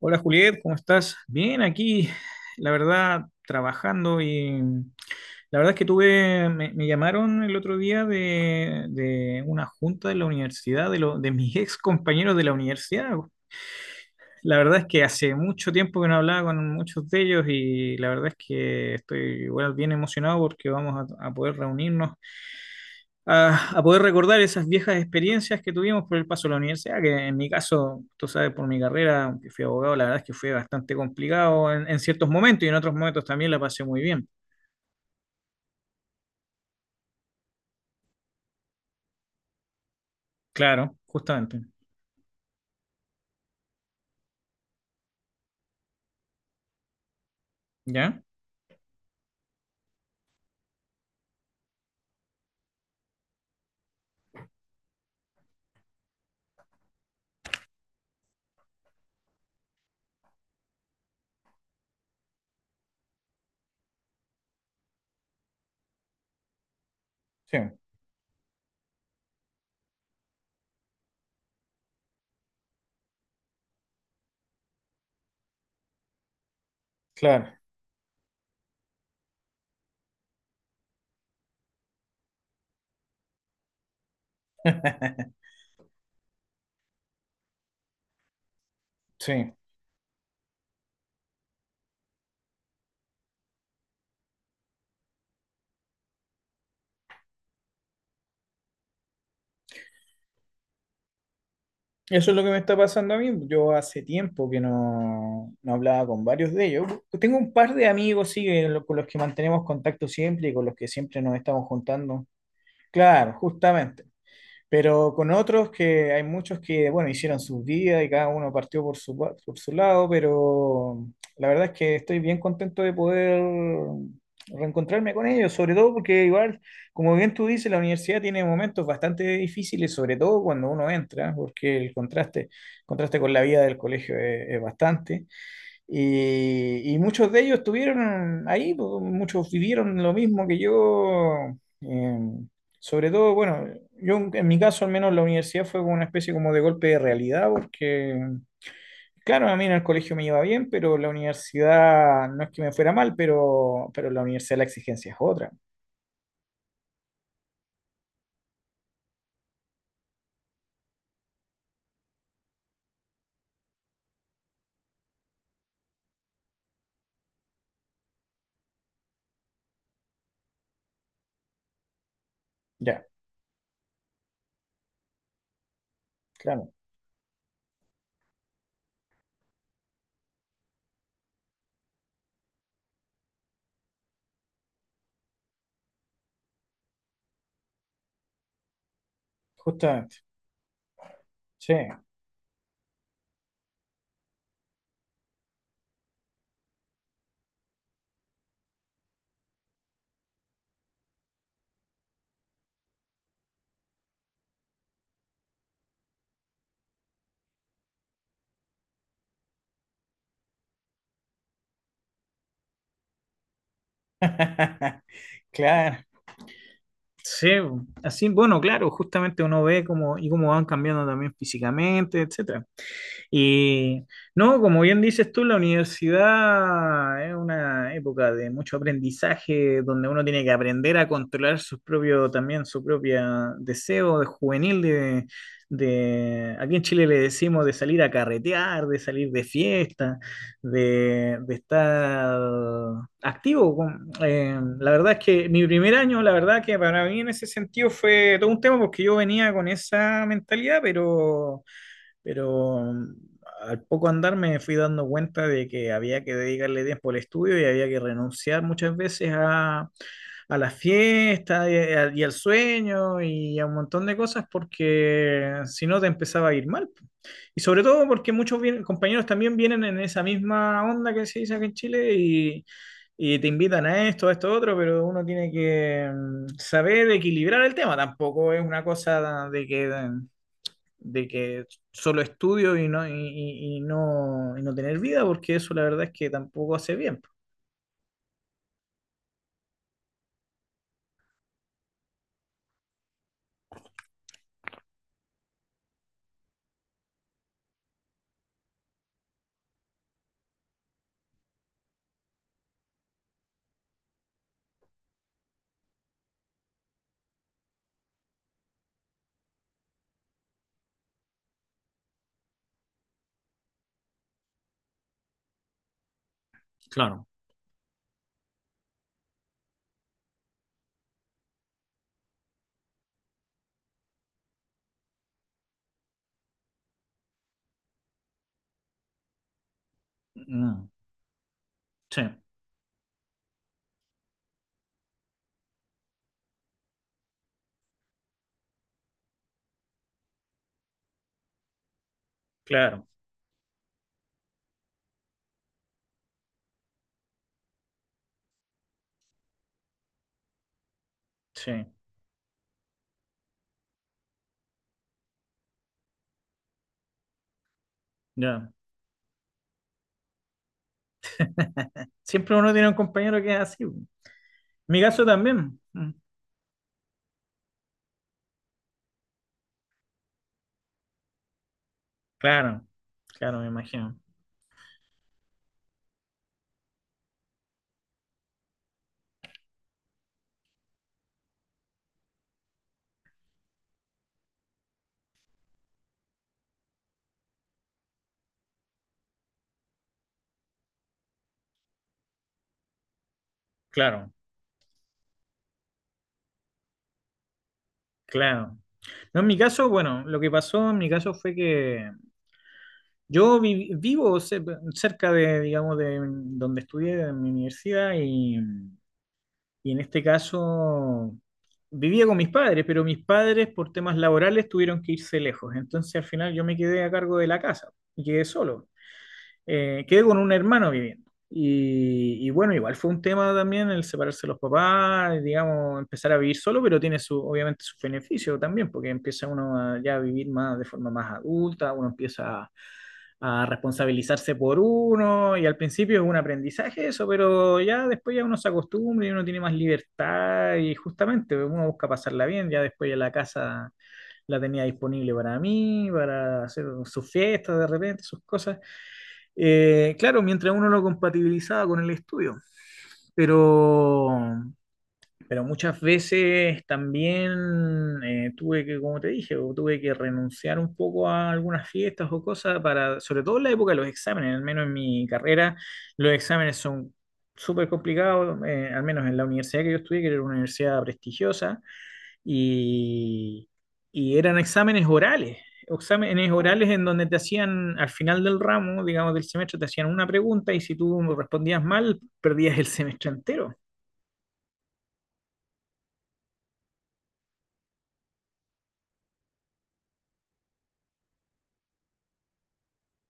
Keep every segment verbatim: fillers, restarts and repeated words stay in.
Hola Juliet, ¿cómo estás? Bien, aquí, la verdad, trabajando y la verdad es que tuve, me, me llamaron el otro día de, de una junta de la universidad, de, lo- de mis ex compañeros de la universidad. La verdad es que hace mucho tiempo que no hablaba con muchos de ellos y la verdad es que estoy igual bien emocionado porque vamos a, a poder reunirnos a, a poder recordar esas viejas experiencias que tuvimos por el paso a la universidad, que en mi caso, tú sabes, por mi carrera, aunque fui abogado, la verdad es que fue bastante complicado en, en ciertos momentos y en otros momentos también la pasé muy bien. Claro, justamente. ¿Ya? Sí, claro, sí. Eso es lo que me está pasando a mí. Yo hace tiempo que no, no hablaba con varios de ellos. Tengo un par de amigos, sí, que lo- con los que mantenemos contacto siempre y con los que siempre nos estamos juntando. Claro, justamente. Pero con otros que hay muchos que, bueno, hicieron sus vidas y cada uno partió por su, pa- por su lado, pero la verdad es que estoy bien contento de poder reencontrarme con ellos, sobre todo porque igual, como bien tú dices, la universidad tiene momentos bastante difíciles, sobre todo cuando uno entra, porque el contraste, contraste con la vida del colegio es, es bastante. Y, y muchos de ellos estuvieron ahí, pues, muchos vivieron lo mismo que yo. eh, Sobre todo, bueno, yo en en mi caso al menos la universidad fue como una especie como de golpe de realidad, porque, claro, a mí en el colegio me iba bien, pero la universidad no es que me fuera mal, pero, pero la universidad la exigencia es otra. Ya, claro, justamente. Sí. Claro. Sí, así, bueno, claro, justamente uno ve cómo y cómo van cambiando también físicamente, etcétera. Y no, como bien dices tú, la universidad es una época de mucho aprendizaje, donde uno tiene que aprender a controlar sus propios, también su propio deseo de juvenil, de, de, aquí en Chile le decimos de salir a carretear, de salir de fiesta, de, de estar activo. Con- eh, la verdad es que mi primer año, la verdad que para mí en ese sentido fue todo un tema porque yo venía con esa mentalidad, pero pero mm, al poco andar me fui dando cuenta de que había que dedicarle tiempo al estudio y había que renunciar muchas veces a, a las fiestas y, a- y al sueño y a un montón de cosas porque si no te empezaba a ir mal. Y sobre todo porque muchos vien- compañeros también vienen en esa misma onda que se dice acá en Chile y, y te invitan a esto, a esto, otro, pero uno tiene que mm, saber equilibrar el tema. Tampoco es una cosa de que mm, de que solo estudio y no, y, y- y no, y no tener vida, porque eso la verdad es que tampoco hace bien. Claro. Mm, sí, claro, sí, ya. Siempre uno tiene un compañero que es así. Mi caso también. Mm, claro, claro, me imagino. Claro, claro. No, en mi caso, bueno, lo que pasó en mi caso fue que yo vi- vivo ce- cerca de, digamos, de donde estudié, en mi universidad, y Y en este caso vivía con mis padres, pero mis padres por temas laborales tuvieron que irse lejos. Entonces al final yo me quedé a cargo de la casa y quedé solo. Eh, quedé con un hermano viviendo. Y, y bueno, igual fue un tema también el separarse de los papás, digamos, empezar a vivir solo, pero tiene su, obviamente su beneficio también, porque empieza uno a ya vivir más de forma más adulta, uno empieza a responsabilizarse por uno y al principio es un aprendizaje eso, pero ya después ya uno se acostumbra y uno tiene más libertad y justamente uno busca pasarla bien, ya después ya la casa la tenía disponible para mí, para hacer sus fiestas de repente, sus cosas. Eh, claro, mientras uno lo compatibilizaba con el estudio, pero pero muchas veces también eh, tuve que, como te dije, o tuve que renunciar un poco a algunas fiestas o cosas para, sobre todo en la época de los exámenes, al menos en mi carrera, los exámenes son súper complicados, eh, al menos en la universidad que yo estudié, que era una universidad prestigiosa, y, y eran exámenes orales, exámenes orales en donde te hacían, al final del ramo, digamos, del semestre, te hacían una pregunta y si tú respondías mal, perdías el semestre entero,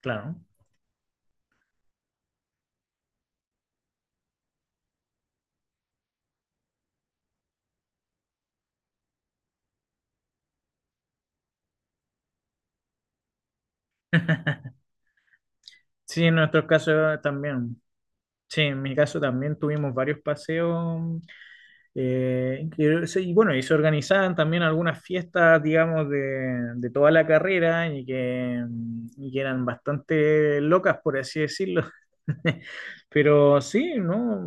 claro. Sí, en nuestro caso también. Sí, en mi caso también tuvimos varios paseos. Eh, que se- y bueno, y se organizaban también algunas fiestas, digamos, de, de toda la carrera y que, y que eran bastante locas, por así decirlo. Pero sí, ¿no?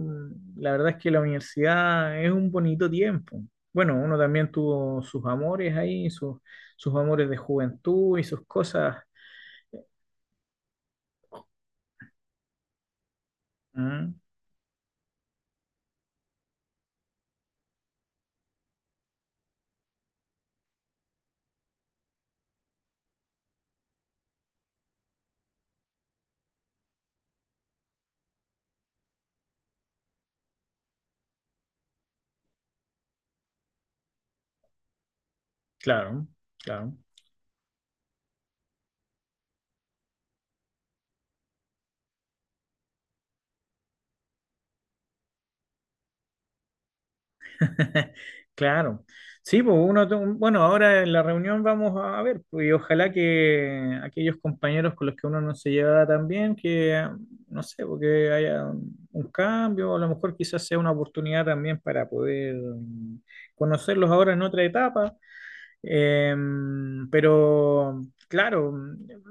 La verdad es que la universidad es un bonito tiempo. Bueno, uno también tuvo sus amores ahí, sus, sus amores de juventud y sus cosas. Mm, claro, claro. Claro. Sí, pues uno, to- bueno, ahora en la reunión vamos a ver, pues, y ojalá que aquellos compañeros con los que uno no se lleva tan bien, que no sé, porque haya un un cambio, a lo mejor quizás sea una oportunidad también para poder conocerlos ahora en otra etapa. Em, pero claro,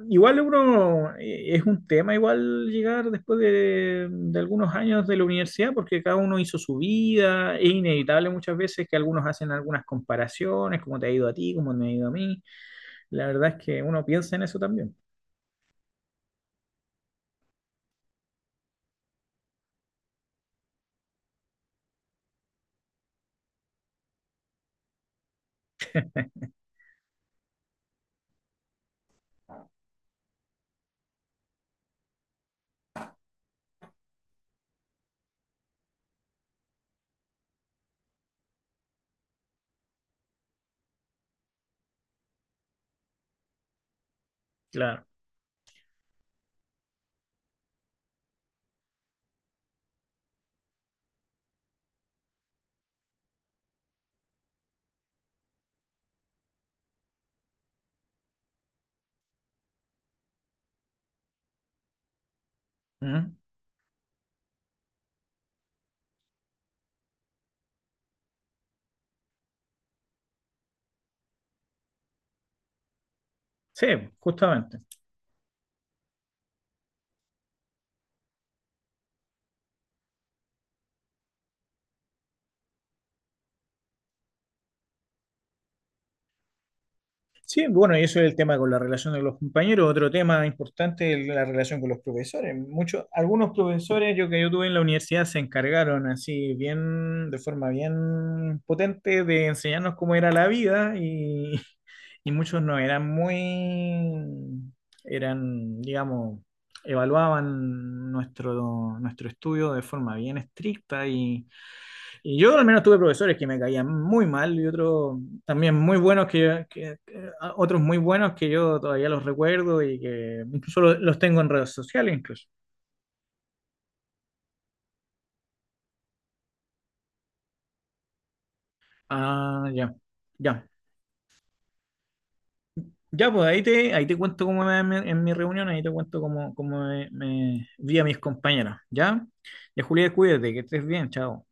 igual uno eh, es un tema igual llegar después de, de algunos años de la universidad, porque cada uno hizo su vida, es inevitable muchas veces que algunos hacen algunas comparaciones, cómo te ha ido a ti, cómo me ha ido a mí. La verdad es que uno piensa en eso también. Claro. Ujú. Sí, justamente. Sí, bueno, y eso es el tema con la relación de los compañeros. Otro tema importante es la relación con los profesores. Muchos, algunos profesores yo que yo tuve en la universidad se encargaron así bien, de forma bien potente de enseñarnos cómo era la vida y, y muchos no eran muy, eran, digamos, evaluaban nuestro, nuestro estudio de forma bien estricta y y yo al menos tuve profesores que me caían muy mal y otros también muy buenos que, que- que- otros muy buenos que yo todavía los recuerdo y que incluso lo- los tengo en redes sociales incluso. Ah, ya, ya. Ya, pues ahí te, ahí te cuento cómo me, me- en mi reunión, ahí te cuento cómo, cómo me, me vi a mis compañeros, ¿ya? Ya, Julián, cuídate, que estés bien, chao.